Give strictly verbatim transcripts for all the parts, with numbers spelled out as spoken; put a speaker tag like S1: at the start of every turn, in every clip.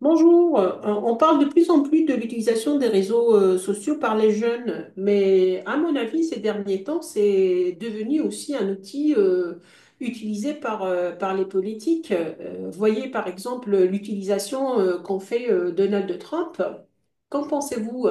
S1: Bonjour. Euh, on parle de plus en plus de l'utilisation des réseaux euh, sociaux par les jeunes, mais à mon avis, ces derniers temps, c'est devenu aussi un outil euh, utilisé par, euh, par les politiques. Euh, voyez par exemple l'utilisation euh, qu'en fait euh, Donald Trump. Qu'en pensez-vous?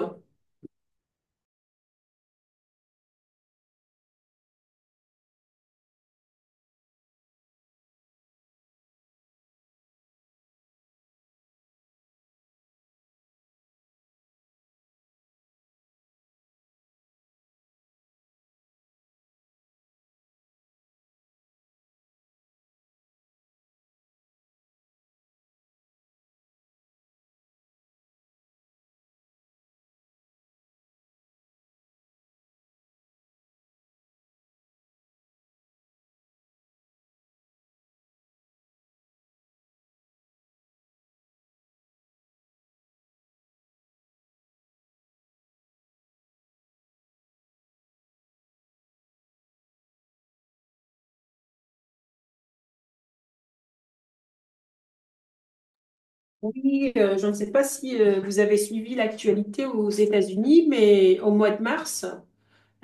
S1: Et, euh, je ne sais pas si euh, vous avez suivi l'actualité aux États-Unis, mais au mois de mars,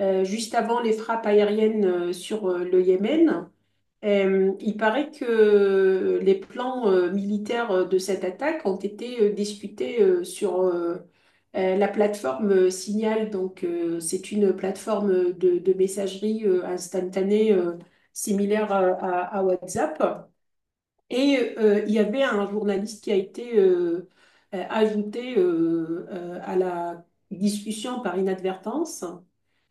S1: euh, juste avant les frappes aériennes euh, sur euh, le Yémen. Euh, il paraît que les plans euh, militaires euh, de cette attaque ont été euh, discutés euh, sur euh, euh, la plateforme euh, Signal. Donc, euh, c'est une plateforme de, de messagerie euh, instantanée euh, similaire à, à- à WhatsApp. Et euh, il y avait un journaliste qui a été euh, euh, ajouté euh, euh, à la discussion par inadvertance.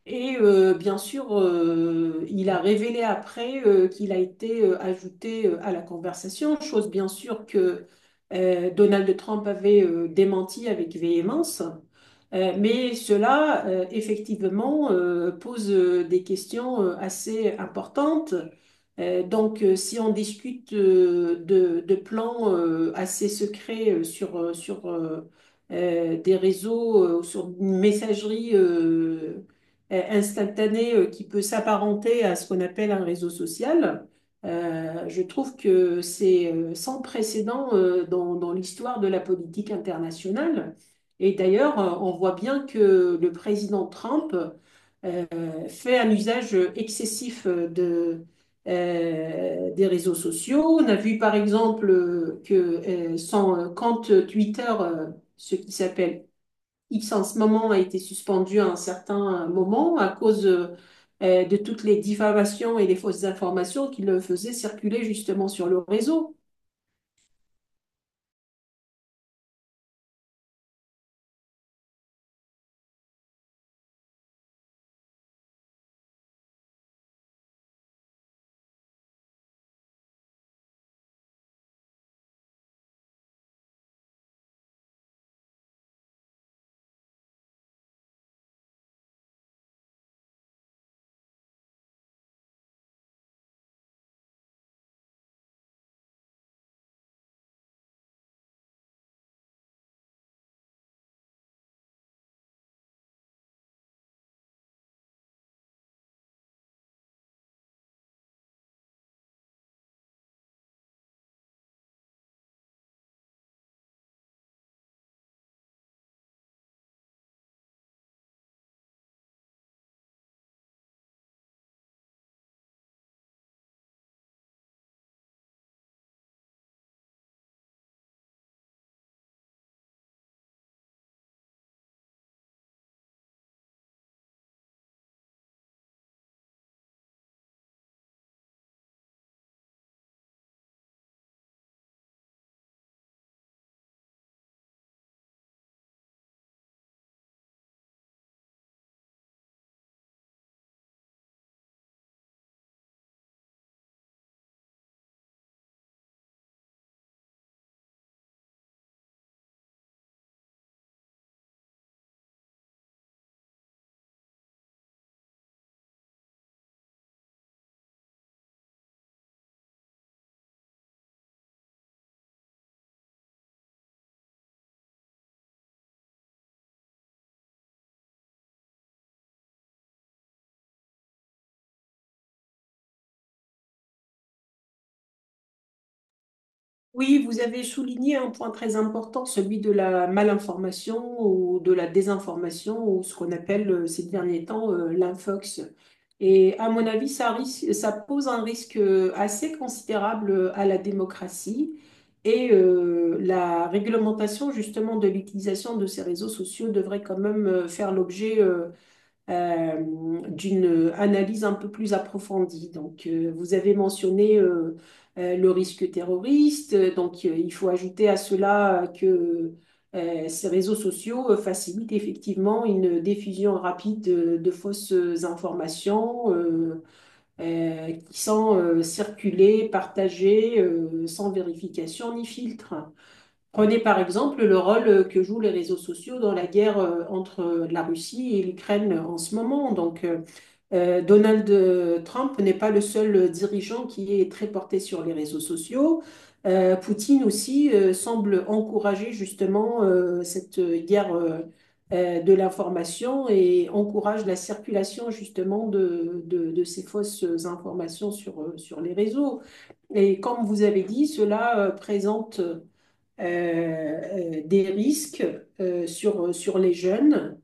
S1: Et euh, bien sûr, euh, il a révélé après euh, qu'il a été euh, ajouté euh, à la conversation, chose bien sûr que euh, Donald Trump avait euh, démenti avec véhémence. Euh, mais cela, euh, effectivement, euh, pose euh, des questions euh, assez importantes. Euh, donc, euh, si on discute euh, de, de plans euh, assez secrets euh, sur, euh, sur euh, euh, des réseaux, euh, sur une messagerie, euh, euh, instantané euh, qui peut s'apparenter à ce qu'on appelle un réseau social. Euh, je trouve que c'est euh, sans précédent euh, dans, dans l'histoire de la politique internationale. Et d'ailleurs, euh, on voit bien que le président Trump euh, fait un usage excessif de, euh, des réseaux sociaux. On a vu par exemple euh, que euh, son euh, compte Twitter, euh, ce qui s'appelle X en ce moment a été suspendu à un certain euh, moment à cause euh, euh, de toutes les diffamations et les fausses informations qu'il euh, faisait circuler justement sur le réseau. Oui, vous avez souligné un point très important, celui de la malinformation ou de la désinformation ou ce qu'on appelle euh, ces derniers temps euh, l'infox. Et à mon avis, ça, risque- ça pose un risque euh, assez considérable euh, à la démocratie et euh, la réglementation justement de l'utilisation de ces réseaux sociaux devrait quand même euh, faire l'objet euh, euh, d'une analyse un peu plus approfondie. Donc, euh, vous avez mentionné euh, euh, le risque terroriste. Euh, donc euh, il faut ajouter à cela euh, que euh, ces réseaux sociaux euh, facilitent effectivement une diffusion rapide euh, de, fausses informations euh, euh, qui sont euh, circulées, partagées euh, sans vérification ni filtre. Prenez par exemple le rôle que jouent les réseaux sociaux dans la guerre euh, entre euh, la Russie et l'Ukraine en ce moment. Donc, euh, euh, Donald euh, Trump n'est pas le seul euh, dirigeant qui est très porté sur les réseaux sociaux. Euh, Poutine aussi euh, semble encourager justement euh, cette guerre euh, euh, de l'information et encourage la circulation justement de, de- de ces fausses informations sur, euh, sur les réseaux. Et comme vous avez dit, cela euh, présente euh, euh, des risques euh, sur, sur les jeunes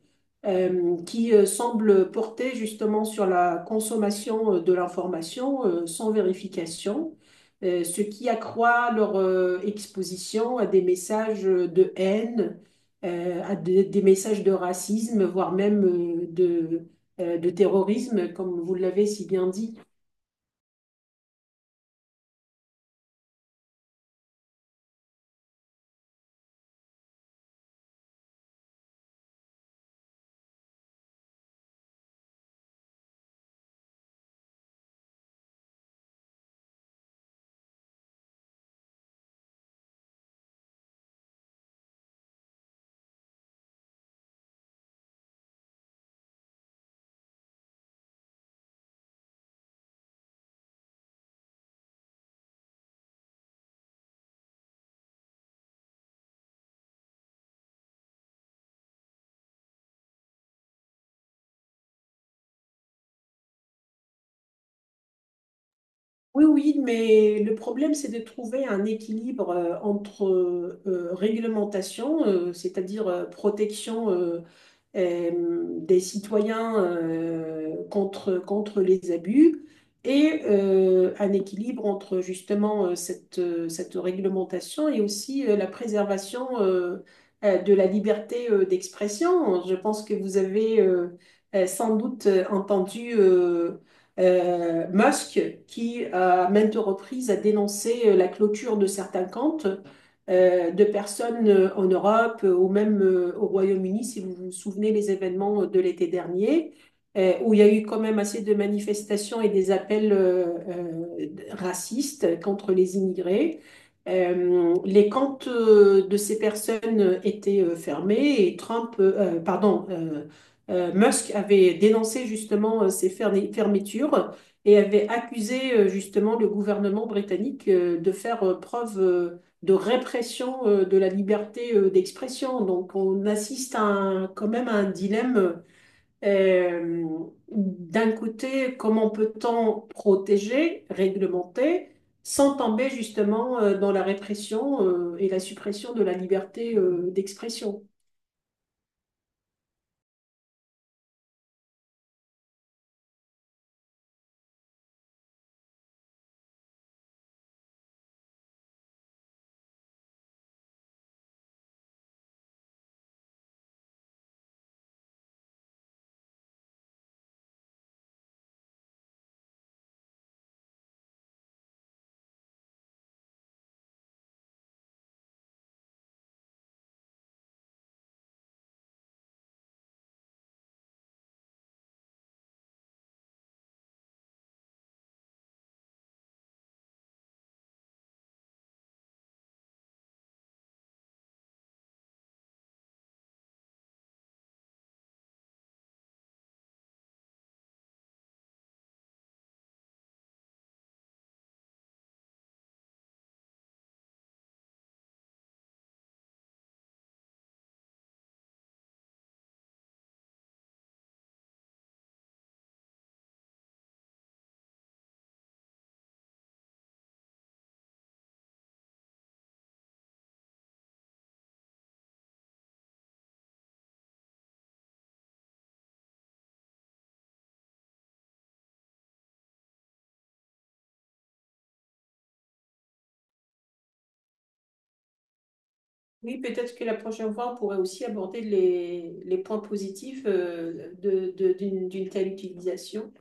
S1: euh, qui euh, semblent porter justement sur la consommation euh, de l'information euh, sans vérification, euh, ce qui accroît leur euh, exposition à des messages de haine, euh, à des, des messages de racisme, voire même euh, de, euh, de terrorisme, comme vous l'avez si bien dit. Oui, oui, mais le problème, c'est de trouver un équilibre euh, entre euh, euh, réglementation, euh, c'est-à-dire euh, protection euh, euh, des citoyens euh, contre, contre les abus et euh, un équilibre entre justement euh, cette, euh, cette réglementation et aussi euh, la préservation euh, euh, de la liberté euh, d'expression. Je pense que vous avez euh, euh, sans doute entendu euh, euh, Musk qui, à maintes reprises, a dénoncé euh, la clôture de certains comptes euh, de personnes euh, en Europe euh, ou même euh, au Royaume-Uni, si vous vous souvenez les événements euh, de l'été dernier, euh, où il y a eu quand même assez de manifestations et des appels euh, euh, racistes contre les immigrés. Euh, les camps euh, de ces personnes étaient euh, fermés et Trump, euh, euh, pardon, euh, euh, Musk avait dénoncé justement euh, ces fermi- fermetures et avait accusé euh, justement le gouvernement britannique euh, de faire euh, preuve euh, de répression euh, de la liberté euh, d'expression. Donc on assiste à un- quand même à un dilemme. euh, D'un côté, comment peut-on protéger, réglementer, sans tomber justement euh, dans la répression euh, et la suppression de la liberté euh, d'expression? Oui, peut-être que la prochaine fois, on pourrait aussi aborder les, les points positifs euh, de, de- d'une, d'une telle utilisation.